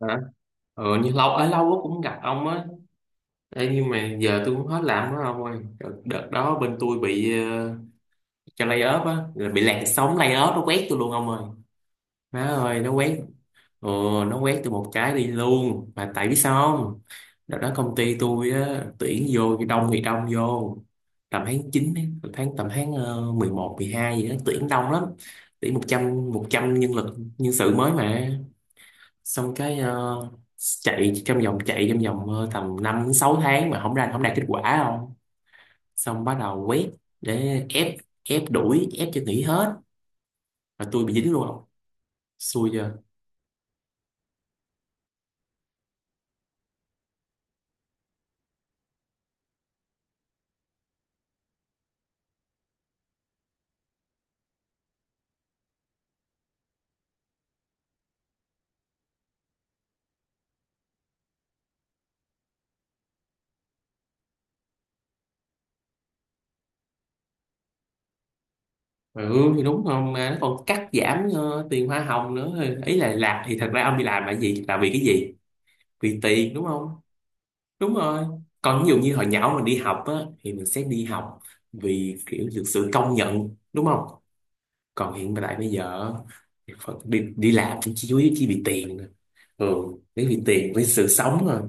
Hả? Nhưng lâu ở lâu quá cũng gặp ông á. Ê, nhưng mà giờ tôi cũng hết làm đó ông ơi. Đợt đó bên tôi bị cho lay off á, là bị làn sóng lay off nó quét tôi luôn ông ơi. Má ơi, nó quét. ừ, nó quét tôi một cái đi luôn, mà tại biết sao không? Đợt đó công ty tôi á tuyển vô, đông thì đông vô tầm tháng 9, ấy, tháng tầm tháng 11, 12 gì đó, tuyển đông lắm. Tuyển một trăm nhân sự mới mà. Xong cái chạy trong vòng tầm 5 đến 6 tháng mà không ra, không đạt kết quả. Không, xong bắt đầu quét để ép, ép đuổi, ép cho nghỉ hết. Và tôi bị dính luôn. Không, xui chưa? Ừ thì đúng, không mà nó còn cắt giảm tiền hoa hồng nữa. Ý là làm thì thật ra ông đi làm là gì, là vì cái gì? Vì tiền đúng không? Đúng rồi. Còn ví dụ như hồi nhỏ mình đi học á, thì mình sẽ đi học vì kiểu được sự công nhận đúng không? Còn hiện tại bây giờ Phật đi, đi làm cũng chỉ chủ yếu chỉ vì tiền thôi. Ừ, chỉ vì tiền với sự sống rồi.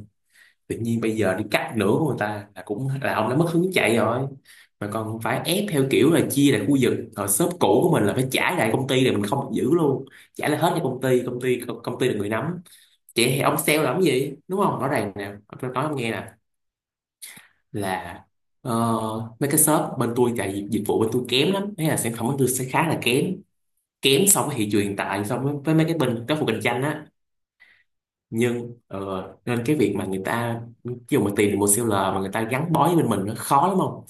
Tự nhiên bây giờ đi cắt nửa của người ta là cũng là ông đã mất hứng chạy rồi. Mà còn phải ép theo kiểu là chia lại khu vực, hồi shop cũ của mình là phải trả lại công ty, rồi mình không được giữ luôn, trả lại hết cho công ty. Công ty là người nắm. Vậy thì ông sale làm cái gì, đúng không? Rõ ràng nè, tôi nói ông nghe nè, là ờ, mấy cái shop bên tôi chạy dịch dịch vụ bên tôi kém lắm, thế là sản phẩm bên tôi sẽ khá là kém, kém so với thị trường hiện tại, so với mấy cái bên các cuộc cạnh tranh á. Nhưng nên cái việc mà người ta, khi mà tìm được một seller mà người ta gắn bó với bên mình nó khó lắm, không?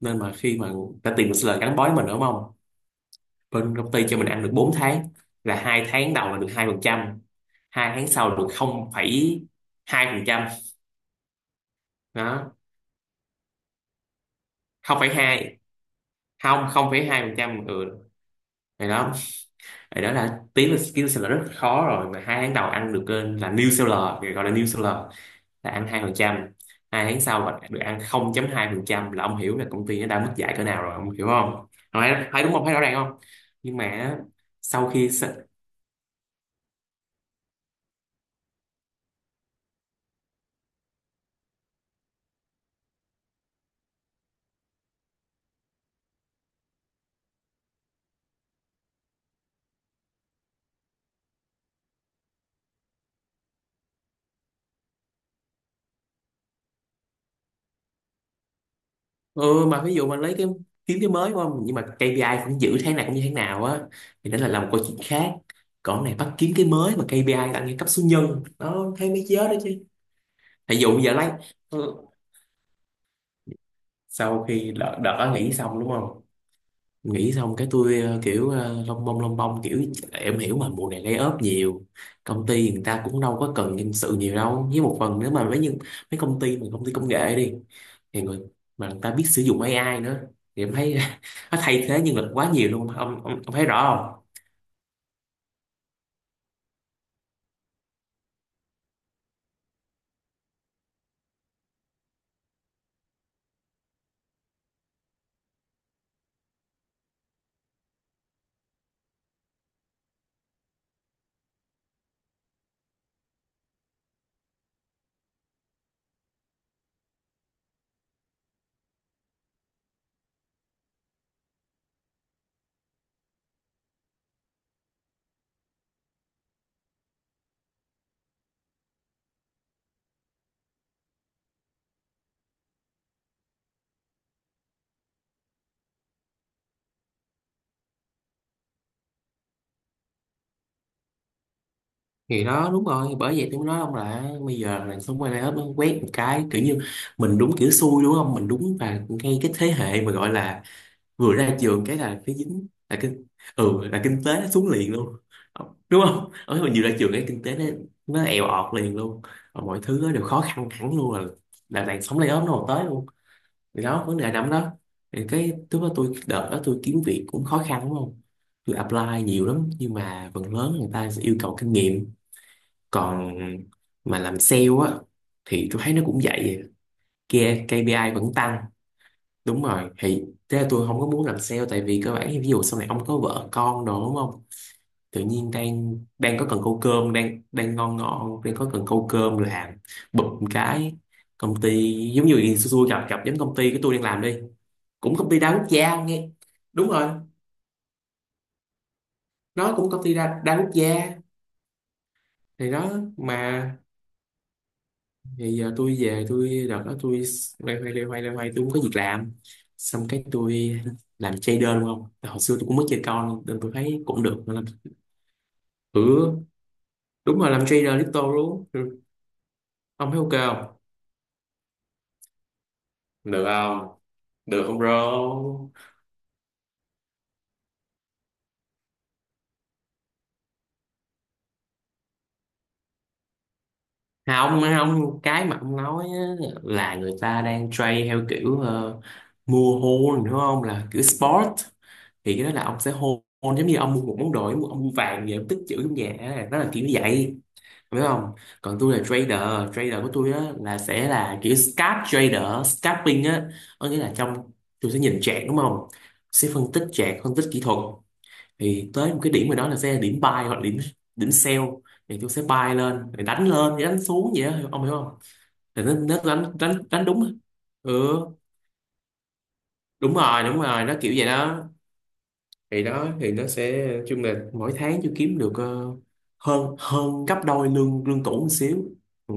Nên mà khi mà người ta tìm một seller gắn bó với mình đúng không, bên công ty cho mình ăn được 4 tháng. Là hai tháng đầu là được hai phần trăm, hai tháng sau là được không phẩy hai phần trăm. Đó, không phẩy hai, không không phẩy hai phần trăm. Ừ, thì đó. Thì đó là tiếng là skill seller rất khó rồi, mà hai tháng đầu ăn được là new seller, người gọi là new seller là ăn hai phần trăm. Hai tháng sau mà được ăn 0 hai phần trăm là ông hiểu là công ty nó đã mất dạy cỡ nào rồi, ông hiểu không? Thấy đúng không, thấy rõ ràng không? Nhưng mà sau khi s- ừ, mà ví dụ mà lấy cái, kiếm cái mới đúng không, nhưng mà KPI cũng giữ tháng này cũng như tháng nào á, thì đó là làm một câu chuyện khác. Còn cái này bắt kiếm cái mới mà KPI là ăn như cấp số nhân nó thấy mấy chớ đó chứ. Ví dụ bây giờ lấy, ừ, sau khi đợt đợt đó nghỉ xong đúng không, nghỉ xong cái tôi kiểu lông bông kiểu, em hiểu mà mùa này lay off nhiều. Công ty người ta cũng đâu có cần nhân sự nhiều đâu, với một phần nữa mà mấy, nhưng mấy công ty mà công ty công nghệ đi, thì người mà người ta biết sử dụng AI nữa thì em thấy nó thay thế nhân lực quá nhiều luôn. Ông thấy rõ không? Thì đó, đúng rồi, bởi vậy tôi mới nói ông là bây giờ là xong quay lay off nó quét một cái kiểu như mình đúng kiểu xui đúng không, mình đúng, và ngay cái thế hệ mà gọi là vừa ra trường cái là cái dính là kinh. Ừ, là kinh tế nó xuống liền luôn đúng không, ở mình vừa ra trường cái kinh tế nó èo ọt liền luôn. Và mọi thứ nó đều khó khăn hẳn luôn, là làn sóng layoff nó còn tới luôn. Thì đó, vấn đề nằm đó. Thì cái lúc đó tôi, đợt đó tôi kiếm việc cũng khó khăn đúng không. Tôi apply nhiều lắm nhưng mà phần lớn người ta sẽ yêu cầu kinh nghiệm. Còn mà làm sale á thì tôi thấy nó cũng vậy, kia KPI vẫn tăng. Đúng rồi, thì thế là tôi không có muốn làm sale tại vì cơ bản thì ví dụ sau này ông có vợ con đồ đúng không. Tự nhiên đang đang có cần câu cơm, đang đang ngon ngon đang có cần câu cơm làm, bụp một cái công ty giống như xui, xui gặp, gặp giống công ty cái tôi đang làm đi, cũng công ty đa quốc gia ông nghe. Đúng rồi, nó cũng công ty đa quốc gia. Thì đó, mà thì giờ tôi về, tôi đợt đó tôi loay hoay tôi không có việc làm. Xong cái tôi làm trader luôn không, hồi xưa tôi cũng mới chơi con nên tôi thấy cũng được. Ừ, đúng rồi, làm trader crypto luôn. Ừ. Ông thấy ok không? Được không? Được không bro? À, ông cái mà ông nói á, là người ta đang trade theo kiểu mua hold đúng không? Là kiểu sport. Thì cái đó là ông sẽ hold, giống như ông mua một món đồ, ông mua vàng vậy, ông tích trữ trong nhà. Đó là kiểu như vậy. Biết không? Còn tôi là trader. Trader của tôi á, là sẽ là kiểu scalp trader. Scalping á. Có nghĩa là trong, tôi sẽ nhìn chart đúng không? Sẽ phân tích chart, phân tích kỹ thuật, thì tới một cái điểm rồi đó là sẽ điểm buy hoặc điểm điểm sell. Thì tôi sẽ buy lên rồi đánh lên đánh xuống vậy đó ông hiểu không. Thì nó đánh đánh đánh đúng. Ừ, đúng rồi nó kiểu vậy đó. Thì đó, thì nó sẽ chung là mỗi tháng tôi kiếm được hơn hơn gấp đôi lương lương cũ một xíu. Ừ.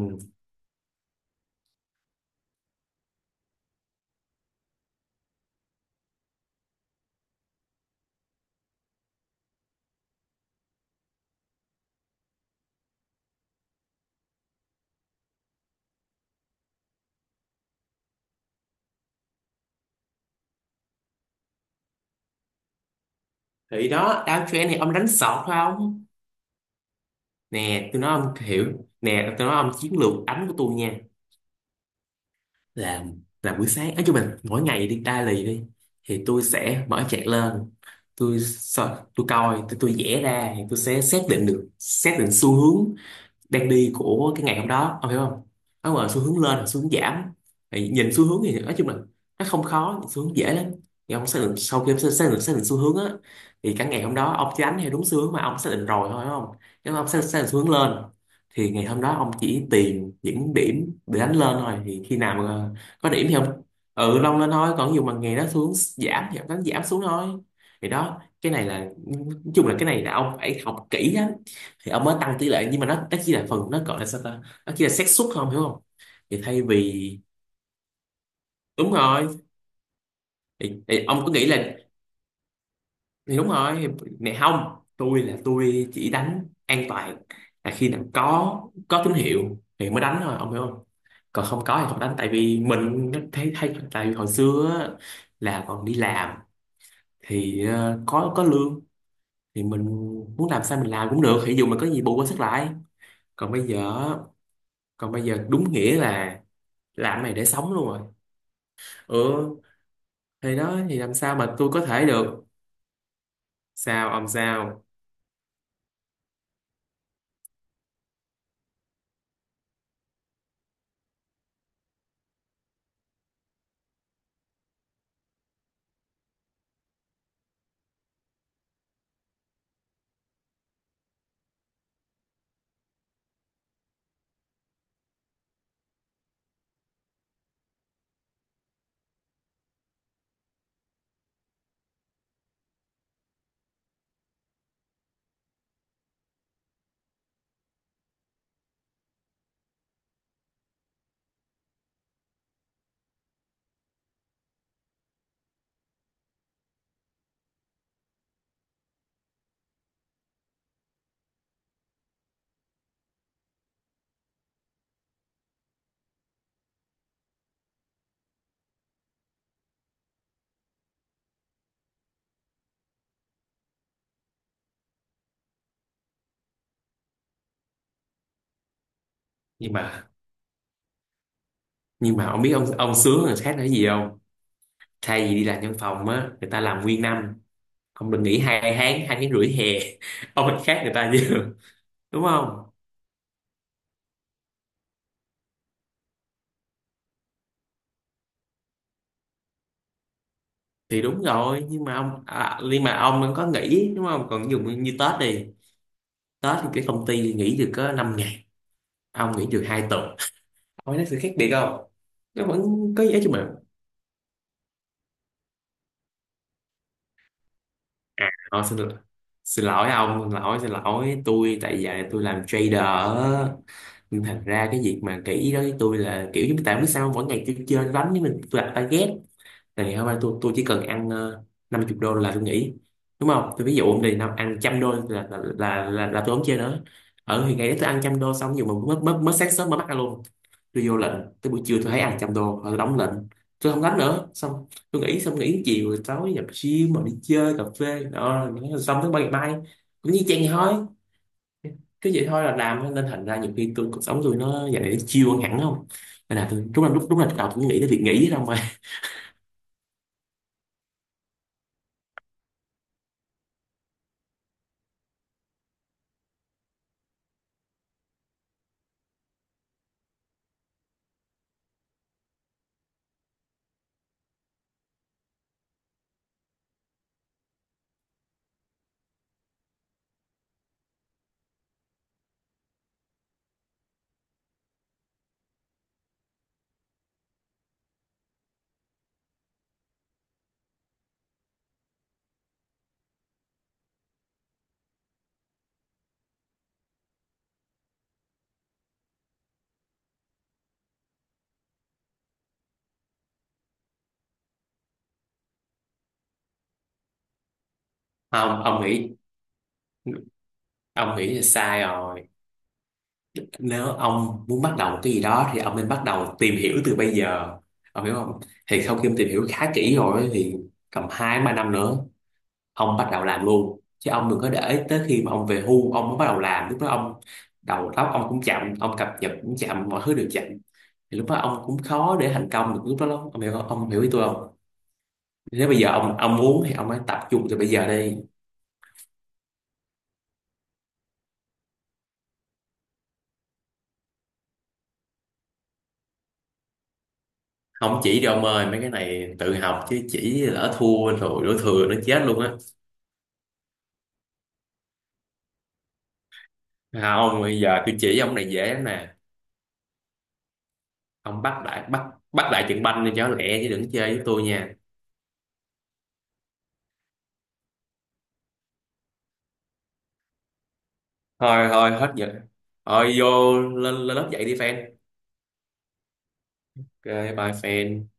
Thì đó, downtrend này ông đánh sọt phải không. Nè tôi nói ông hiểu, nè tôi nói ông chiến lược đánh của tôi nha, là là buổi sáng, nói chung là mỗi ngày đi đa lì đi, thì tôi sẽ mở chat lên, tôi sợ tôi coi, tôi vẽ ra thì tôi sẽ xác định được, xác định xu hướng đang đi của cái ngày hôm đó ông hiểu không. Nó mà xu hướng lên, xu hướng giảm, thì nhìn xu hướng thì nói chung là nó không khó, xu hướng dễ lắm. Thì ông xác định, sau khi ông xác xác định xu hướng á, thì cả ngày hôm đó ông chỉ đánh theo đúng xu hướng mà ông xác định rồi thôi đúng không. Nếu mà ông xác định xu hướng lên, thì ngày hôm đó ông chỉ tìm những điểm để đánh lên thôi. Thì khi nào mà có điểm thì ông, ừ, long lên thôi. Còn dù mà ngày đó xu hướng giảm thì ông đánh giảm xuống thôi. Thì đó, cái này là, nói chung là cái này là ông phải học kỹ lắm thì ông mới tăng tỷ lệ, nhưng mà nó chỉ là phần, nó gọi là sao ta, nó chỉ là xác suất, không hiểu không? Thì thay vì, đúng rồi, thì ông cứ nghĩ là, thì đúng rồi, này không, tôi là tôi chỉ đánh an toàn, là khi nào có tín hiệu thì mới đánh thôi ông hiểu không. Còn không có thì không đánh, tại vì mình nó thấy thấy tại vì hồi xưa á, là còn đi làm thì có lương thì mình muốn làm sao mình làm cũng được, ví dụ mình có gì bù qua sức lại. còn bây giờ Còn bây giờ đúng nghĩa là làm cái này để sống luôn rồi. Ừ, thì đó, thì làm sao mà tôi có thể được. Sao ông sao? nhưng mà nhưng mà ông biết ông sướng người khác là cái gì không? Thay vì đi làm văn phòng á người ta làm nguyên năm, ông được nghỉ hai tháng, hai tháng rưỡi hè ông lại khác người ta chứ đúng không. Thì đúng rồi, nhưng mà ông, à, nhưng mà ông vẫn có nghỉ đúng không, còn dùng như Tết đi, Tết thì cái công ty nghỉ được có 5 ngày, ông nghỉ được hai tuần, ông thấy sự khác biệt không? Nó vẫn có giá cho mình. À, xin lỗi ông, xin lỗi tôi tại giờ tôi làm trader á. Nhưng thành ra cái việc mà kỹ đó với tôi là kiểu như tại biết sao, mỗi ngày tôi chơi đánh với mình, tôi đặt target, thì hôm nay tôi chỉ cần ăn 50 đô là tôi nghỉ đúng không. Tôi ví dụ ông đi nào ăn trăm đô là tôi không chơi nữa. Ở thì ngày đấy tôi ăn trăm đô, xong dù mà mới mới mới sáng sớm mới bắt ăn luôn, tôi vô lệnh, tới buổi trưa tôi thấy ăn trăm đô rồi đóng lệnh, tôi không đánh nữa, xong tôi nghỉ, xong nghỉ chiều rồi tối nhập gym mà đi chơi cà phê đó, xong tới ngày mai cũng như chen thôi, cứ vậy thôi là làm. Nên thành ra nhiều khi tôi, cuộc sống tôi nó giờ này nó chill hơn hẳn không. Nên là tôi đúng là lúc, đúng là đầu tôi cũng nghĩ tới việc nghỉ đâu mà. Không, ông nghĩ là sai rồi. Nếu ông muốn bắt đầu một cái gì đó thì ông nên bắt đầu tìm hiểu từ bây giờ ông hiểu không. Thì sau khi ông tìm hiểu khá kỹ rồi ấy, thì tầm hai ba năm nữa ông bắt đầu làm luôn, chứ ông đừng có để tới khi mà ông về hưu ông mới bắt đầu làm, lúc đó ông đầu óc ông cũng chậm, ông cập nhật cũng chậm, mọi thứ đều chậm. Thì lúc đó ông cũng khó để thành công được lúc đó lắm, ông hiểu không, ông hiểu ý tôi không? Nếu bây giờ ông muốn thì ông hãy tập trung từ bây giờ đi. Không chỉ cho ông ơi, mấy cái này tự học chứ chỉ lỡ thua rồi đổ thừa nó chết luôn á. À, ông bây giờ tôi chỉ ông này dễ lắm nè, ông bắt lại trận banh đi cho nó lẹ chứ đừng chơi với tôi nha. Thôi thôi hết giờ, thôi vô lên lên lớp dạy đi fan. Ok bye fan.